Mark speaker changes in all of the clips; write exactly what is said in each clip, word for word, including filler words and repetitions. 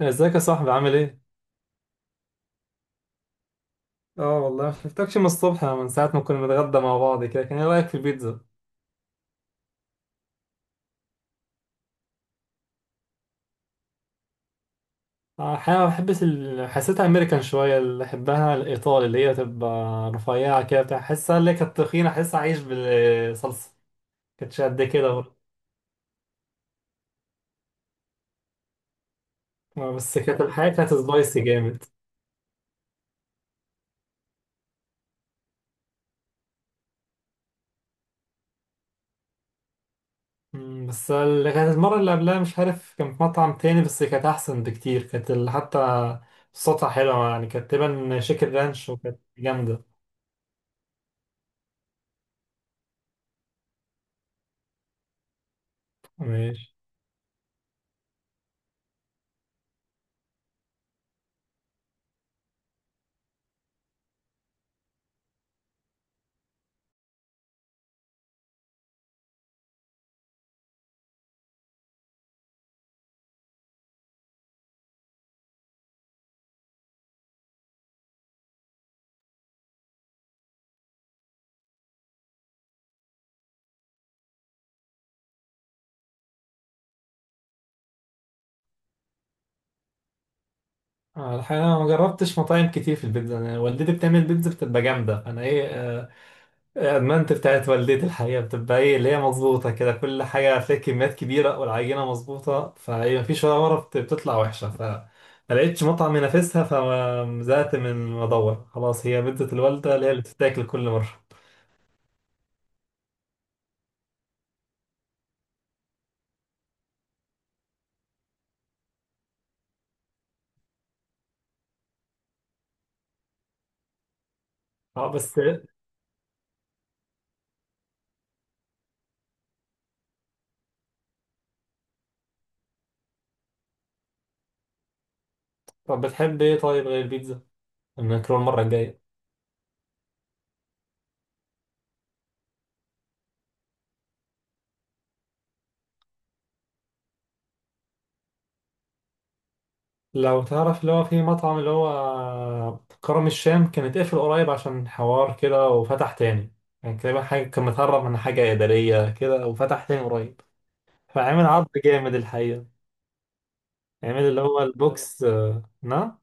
Speaker 1: ازيك يا صاحبي؟ عامل ايه؟ اه والله ما شفتكش من الصبح، من ساعة ما كنا بنتغدى مع بعض كده. كان ايه رأيك في البيتزا؟ آه، الحقيقة ما بحبش ال... حسيتها امريكان شوية، اللي بحبها الايطالي اللي هي تبقى رفيعة كده بتاع، حسها اللي هي كانت تخينة حس عايش بالصلصة، كانتش قد كده برضه. آه، بس كانت الحقيقة كانت سبايسي جامد. مم، بس اللي كانت المرة اللي قبلها مش عارف، كان في مطعم تاني بس كانت أحسن بكتير، كانت ال- حتى صوتها حلوة يعني، كانت تبان شيكن رانش وكانت جامدة. آه، الحقيقة أنا ما جربتش مطاعم كتير في البيتزا. أنا والدتي بتعمل بيتزا بتبقى جامدة. أنا إيه آه، أدمنت بتاعت والدتي الحقيقة، بتبقى إيه اللي هي مظبوطة كده، كل حاجة فيها كميات كبيرة، والعجينة مظبوطة، فهي مفيش ولا مرة بت- بتطلع وحشة، فما لقيتش مطعم ينافسها، فزهقت من ما أدور. خلاص، هي بيتزا الوالدة اللي هي اللي بتتاكل كل مرة. أه بس إيه، طب بتحب إيه طيب غير البيتزا؟ نكرر المرة الجاية. لو تعرف اللي هو في مطعم اللي هو كرم الشام، كان اتقفل قريب عشان حوار كده وفتح تاني، يعني تقريبا حاجة كان متهرب من حاجة إدارية كده، وفتح تاني قريب، فعمل عرض جامد الحقيقة. عمل اللي هو البوكس. آه، نعم،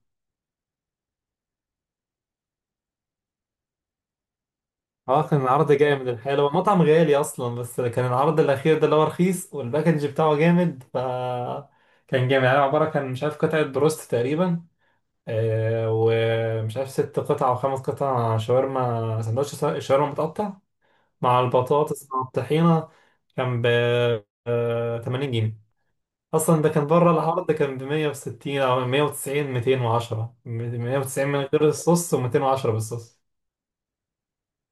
Speaker 1: اه كان عرض جامد الحقيقة. هو مطعم غالي أصلا، بس كان العرض الأخير ده اللي هو رخيص، والباكج بتاعه جامد. ف كان جامد يعني، عبارة كان مش عارف قطعة بروست تقريبا، آه، ومش عارف ست قطع أو خمس قطع شاورما، سندوتش شاورما متقطع مع البطاطس مع الطحينة، كان ب ثمانين جنيه أصلا. ده كان بره العرض كان ب مية وستين أو مية وتسعين، مئتين وعشرة، مية وتسعين من غير الصوص و210 بالصوص.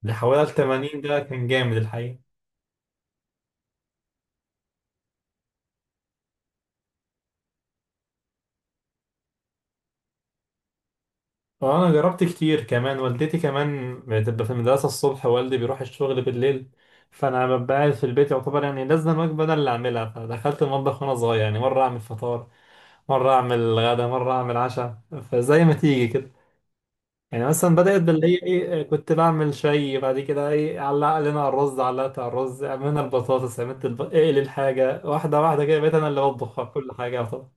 Speaker 1: اللي حوالي تمانين ده كان جامد الحقيقة. وأنا جربت كتير كمان. والدتي كمان بتبقى في المدرسة الصبح، والدي بيروح الشغل بالليل، فأنا ببقى قاعد في البيت يعتبر، يعني لازم الوجبة أنا اللي أعملها. فدخلت المطبخ وأنا صغير يعني، مرة أعمل فطار مرة أعمل غدا مرة أعمل عشاء، فزي ما تيجي يعني. مثلا بدأت باللي هي ايه آه، كنت بعمل شاي، بعد كده ايه علق لنا على الرز، علقت على الرز، عملنا البطاطس، عملت الب... اقل الحاجة واحدة واحدة كده، بقيت انا اللي بطبخ كل حاجة طبعا.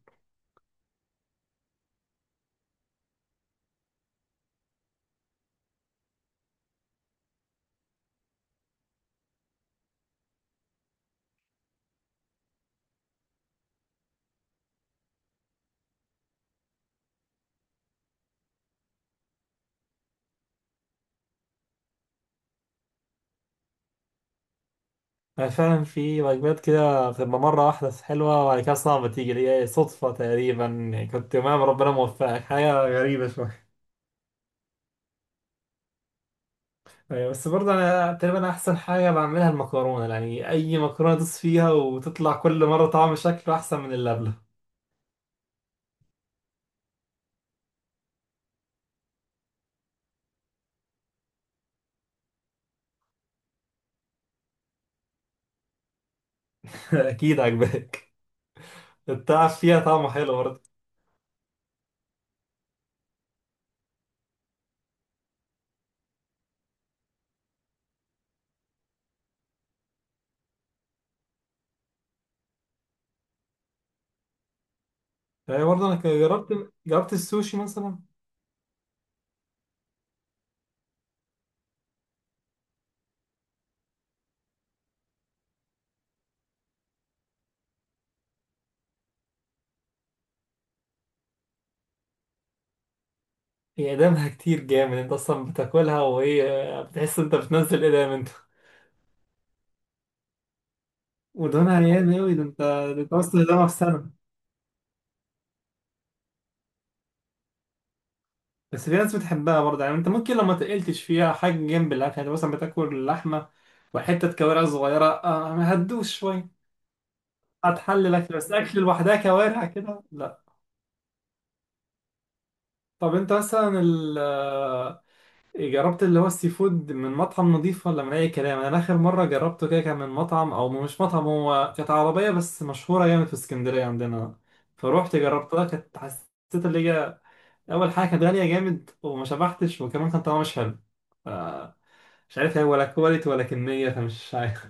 Speaker 1: أنا فعلا في وجبات كده بتبقى مرة واحدة حلوة وبعد كده صعبة تيجي، اللي هي صدفة تقريبا يعني، كنت يومها ربنا موفقك حاجة غريبة شوية. أيوة، بس برضه انا تقريبا احسن حاجة بعملها المكرونة، يعني اي مكرونة تدوس فيها وتطلع كل مرة طعم شكله احسن من اللي قبلها. اكيد عجباك، التعب فيها طعمه حلو. يعني برضه انا ك- جربت جربت السوشي مثلا. هي اقدامها كتير جامد، انت اصلا بتاكلها وهي بتحس انت بتنزل اقدام انت، ودهونها عيان اوي، ده انت ده انت وصل لدهونها في سنة. بس في ناس بتحبها برضه يعني، انت ممكن لو ما تقلتش فيها حاجة جنب الاكل، يعني مثلا بتاكل اللحمة وحتة كوارع صغيرة، آه، ما هتدوش شوية، هتحل الاكل، بس اكل لوحدها كوارع كده لا. طب انت مثلا جربت اللي هو السي فود من مطعم نظيف ولا من اي كلام؟ انا اخر مره جربته كده كان من مطعم، او مش مطعم، هو كانت عربيه بس مشهوره جامد في اسكندريه عندنا، فروحت جربتها، كانت حسيت اللي هي اول حاجه كانت غاليه جامد، وما شبعتش، وكمان كان طعمها مش حلو. ف- مش عارف هي ولا كواليتي ولا كميه، فمش عارف.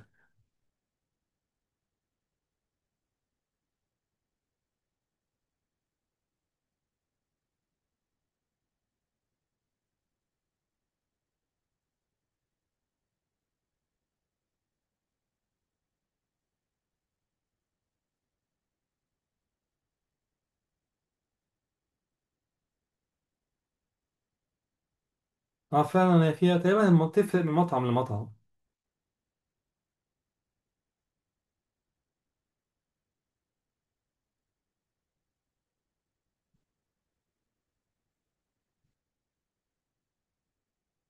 Speaker 1: اه فعلا هي فيها تقريبا الم- بتفرق من مطعم لمطعم.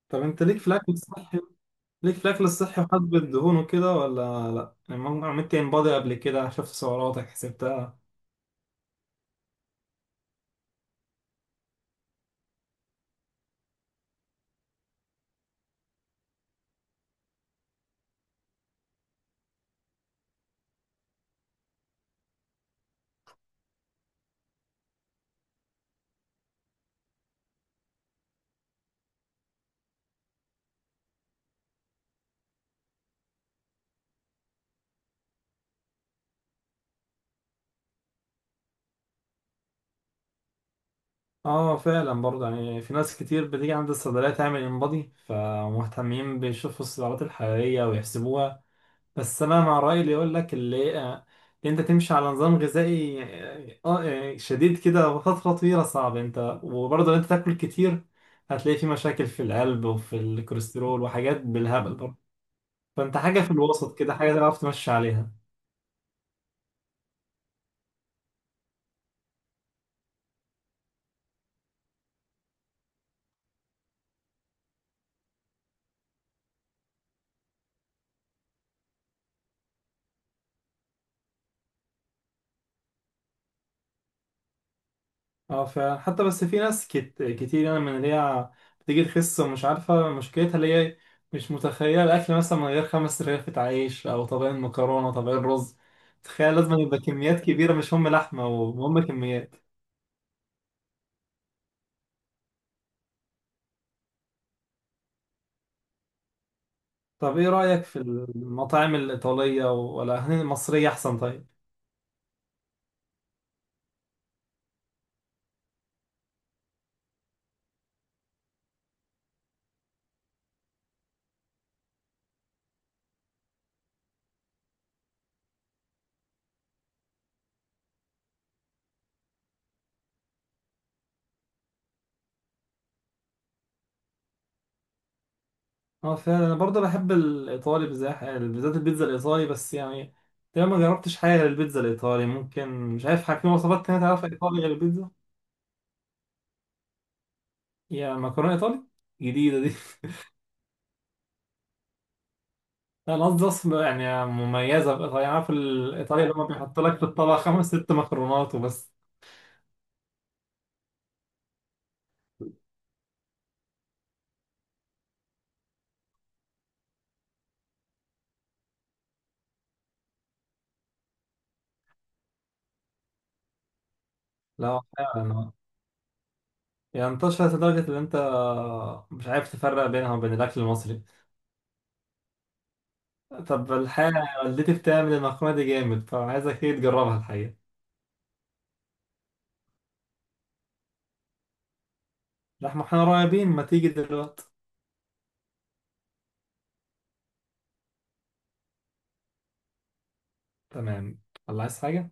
Speaker 1: طب انت ليك في الاكل الصحي، ليك في الاكل الصحي وحاسب الدهون وكده ولا لا؟ يعني عملت ان بادي قبل كده، شفت سعراتك حسبت؟ اه فعلا برضه يعني في ناس كتير بتيجي عند الصيدلية تعمل انبادي، فمهتمين بيشوفوا السعرات الحرارية ويحسبوها. بس انا مع رأيي اللي يقول لك اللي آه، اللي انت تمشي على نظام غذائي، اه آه، شديد كده وفترة طويلة صعب انت، وبرضه لو انت تاكل كتير هتلاقي في مشاكل في القلب وفي الكوليسترول وحاجات بالهبل برضه. فانت حاجة في الوسط كده، حاجة تعرف تمشي عليها. اه فعلا، حتى بس في ناس كت... كتير يعني، من اللي هي بتيجي تخس ومش عارفة مشكلتها، اللي هي مش متخيلة الأكل مثلا من غير خمس رغيفة عيش أو طبقين مكرونة طبقين رز. تخيل لازم يبقى كميات كبيرة، مش هم لحمة وهم كميات. طب إيه رأيك في المطاعم الإيطالية ولا هن- المصرية أحسن طيب؟ اه فعلا أنا برضه بحب الإيطالي بالذات، بالذات البيتزا الإيطالي بس يعني، تقريبا ما جربتش حاجة غير البيتزا الإيطالي. ممكن مش عارف في وصفات تانية تعرفها إيطالي غير البيتزا؟ يا مكرونة إيطالي جديدة دي! أنا قصدي أصلا يعني مميزة بإيطاليا، أنا عارف الإيطالية اللي هما بيحط لك في الطبق خمس ست مكرونات وبس. لا فعلا، يعني انتشرت لدرجة إن أنت مش عارف تفرق بينها وبين الأكل المصري. طب الحقيقة والدتي بتعمل المكرونة دي جامد، فعايزك إيه تجربها الحقيقة. لا، إحنا إحنا قريبين، ما تيجي دلوقتي. تمام. الله، عايز حاجة؟